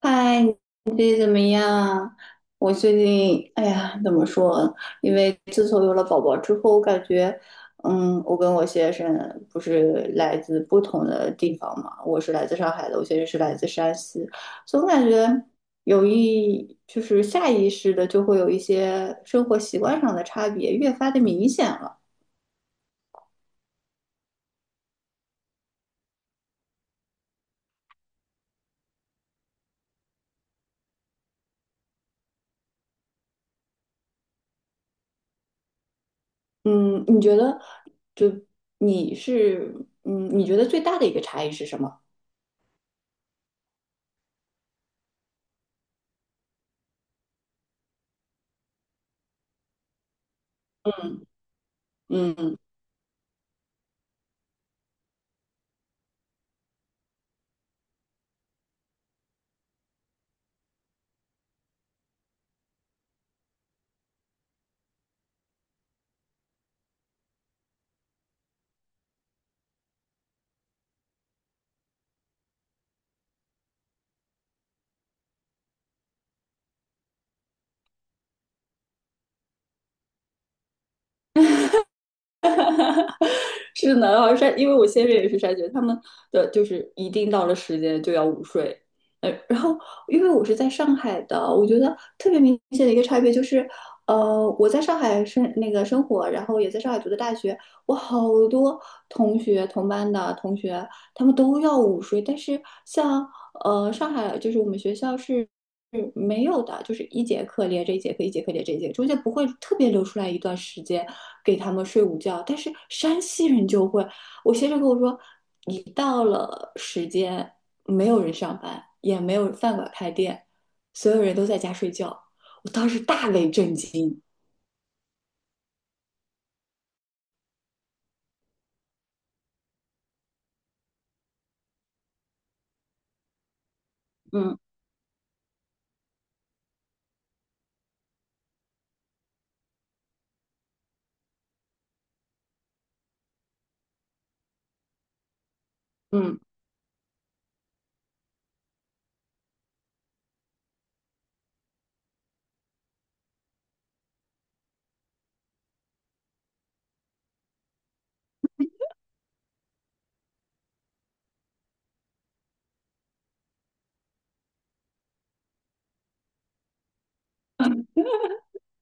嗨，你最近怎么样啊？我最近，哎呀，怎么说？因为自从有了宝宝之后，我感觉，嗯，我跟我先生不是来自不同的地方嘛，我是来自上海的，我先生是来自山西，总感觉有一，就是下意识的就会有一些生活习惯上的差别，越发的明显了。嗯，你觉得，就你是，嗯，你觉得最大的一个差异是什么？嗯。是的，然后筛，因为我先生也是筛选，他们的就是一定到了时间就要午睡。然后因为我是在上海的，我觉得特别明显的一个差别就是，我在上海生那个生活，然后也在上海读的大学，我好多同班的同学，他们都要午睡，但是像上海就是我们学校是嗯，没有的，就是一节课连着一节课，一节课连着一节课，中间不会特别留出来一段时间给他们睡午觉。但是山西人就会，我先生跟我说，一到了时间，没有人上班，也没有饭馆开店，所有人都在家睡觉。我当时大为震惊。嗯嗯，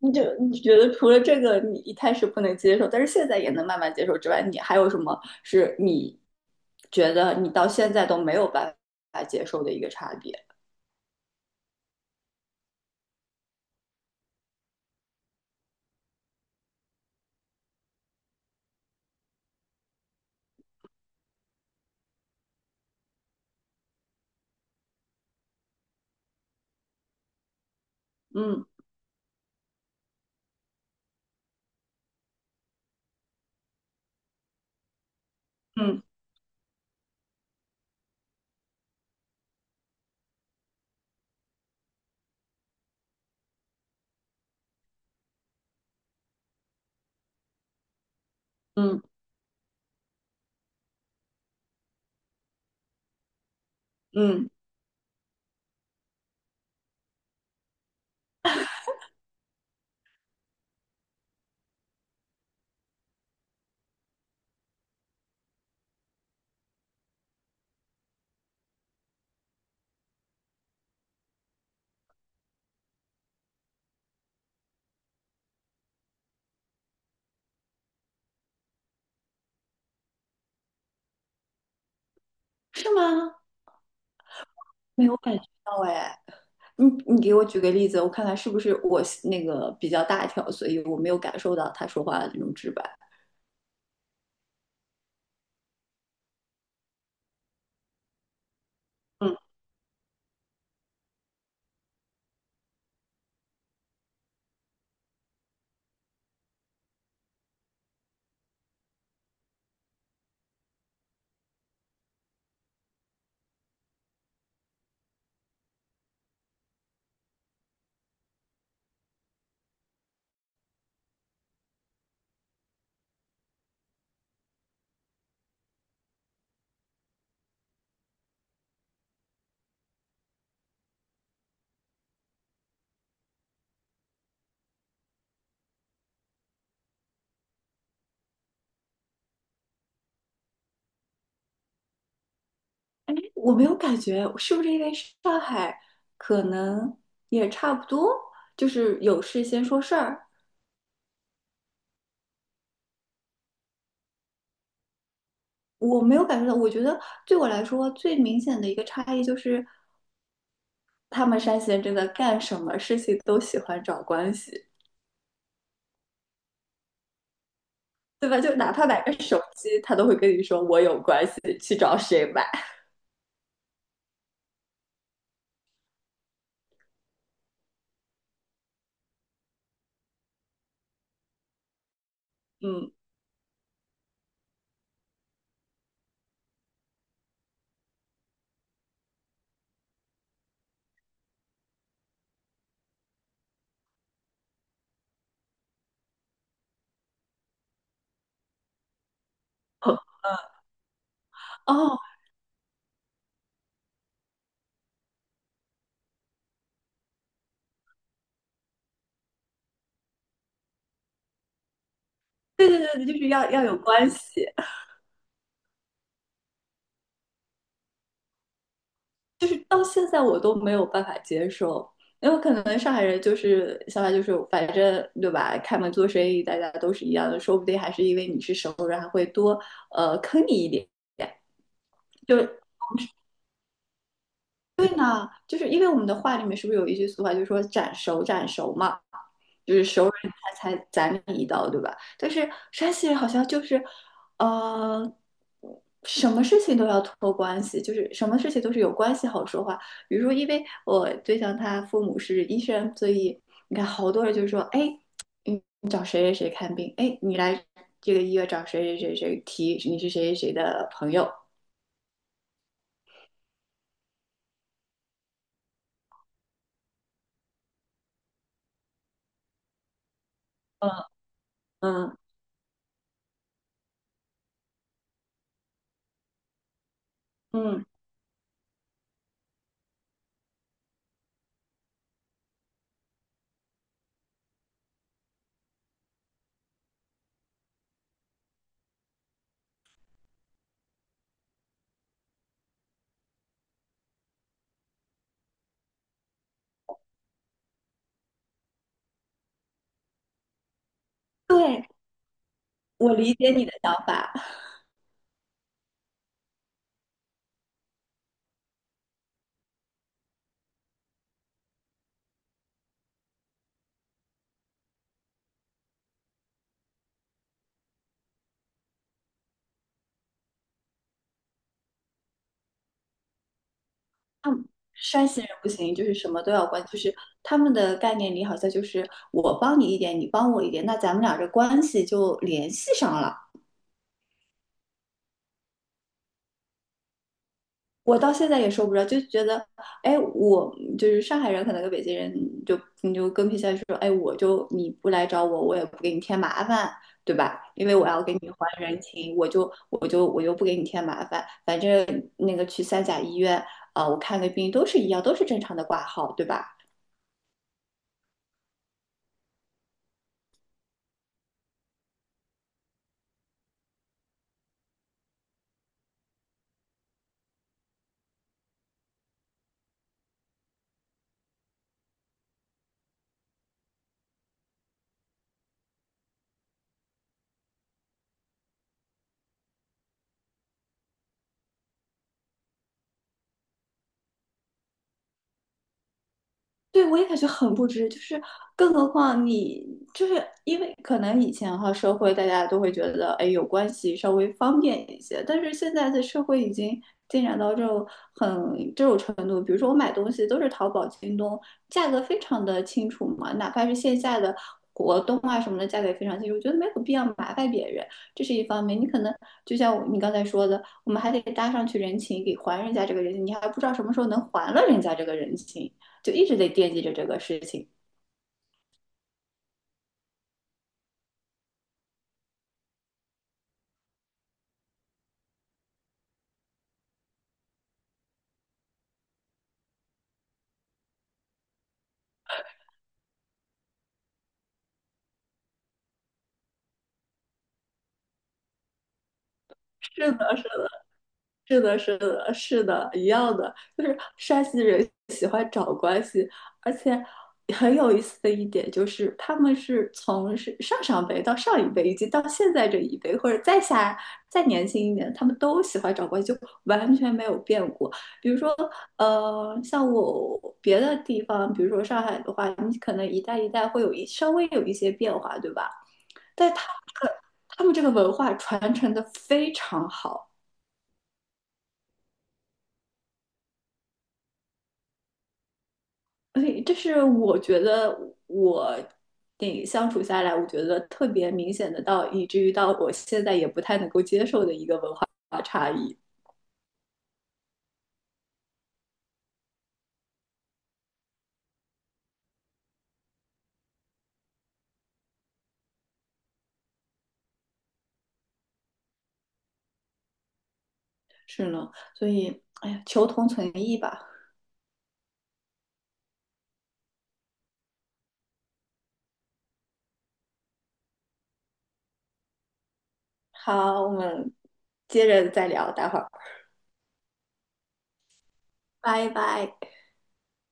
你觉得除了这个你一开始不能接受，但是现在也能慢慢接受之外，你还有什么是你觉得你到现在都没有办法接受的一个差别？嗯嗯嗯嗯，是吗？没有感觉到哎，你给我举个例子，我看看是不是我那个比较大条，所以我没有感受到他说话的那种直白。嗯，我没有感觉，是不是因为上海可能也差不多，就是有事先说事儿，我没有感觉到。我觉得对我来说最明显的一个差异就是，他们山西人真的干什么事情都喜欢找关系。对吧？就哪怕买个手机，他都会跟你说我有关系，去找谁买。嗯，哦，哦对对对，就是要有关系，就是到现在我都没有办法接受，因为可能上海人就是想法就是反正对吧？开门做生意大家都是一样的，说不定还是因为你是熟人，还会多坑你一点。就就是因为我们的话里面是不是有一句俗话，就是说斩熟斩熟嘛，就是熟人才斩你一刀，对吧？但是山西人好像就是，呃，什么事情都要托关系，就是什么事情都是有关系好说话。比如说，因为我对象他父母是医生，所以你看好多人就说，哎，你找谁谁谁看病，哎，你来这个医院找谁谁谁谁提你是谁谁谁的朋友，嗯嗯嗯，对，我理解你的想法。山西人不行，就是什么都要关，就是他们的概念里好像就是我帮你一点，你帮我一点，那咱们俩这关系就联系上了。我到现在也说不着，就觉得，哎，我就是上海人，可能跟北京人就你就更偏向于说，哎，我就你不来找我，我也不给你添麻烦，对吧？因为我要给你还人情，我就不给你添麻烦，反正那个去三甲医院啊、我看个病都是一样，都是正常的挂号，对吧？对，我也感觉很不值，就是更何况你就是因为可能以前哈社会大家都会觉得，哎，有关系稍微方便一些，但是现在的社会已经进展到这种这种程度，比如说我买东西都是淘宝、京东，价格非常的清楚嘛，哪怕是线下的活动啊什么的，价格也非常清楚，我觉得没有必要麻烦别人，这是一方面。你可能就像你刚才说的，我们还得搭上去人情，给还人家这个人情，你还不知道什么时候能还了人家这个人情。就一直在惦记着这个事情。是的，是的，是的，是的，是的，一样的，就是山西人喜欢找关系，而且很有意思的一点就是，他们是上上辈到上一辈，以及到现在这一辈，或者再下再年轻一点，他们都喜欢找关系，就完全没有变过。比如说，像我别的地方，比如说上海的话，你可能一代一代会稍微有一些变化，对吧？但他们这个文化传承的非常好，所以这是我觉得我相处下来，我觉得特别明显的到，以至于到我现在也不太能够接受的一个文化差异。是呢，所以哎呀，求同存异吧。好，我们接着再聊，待会儿，拜拜。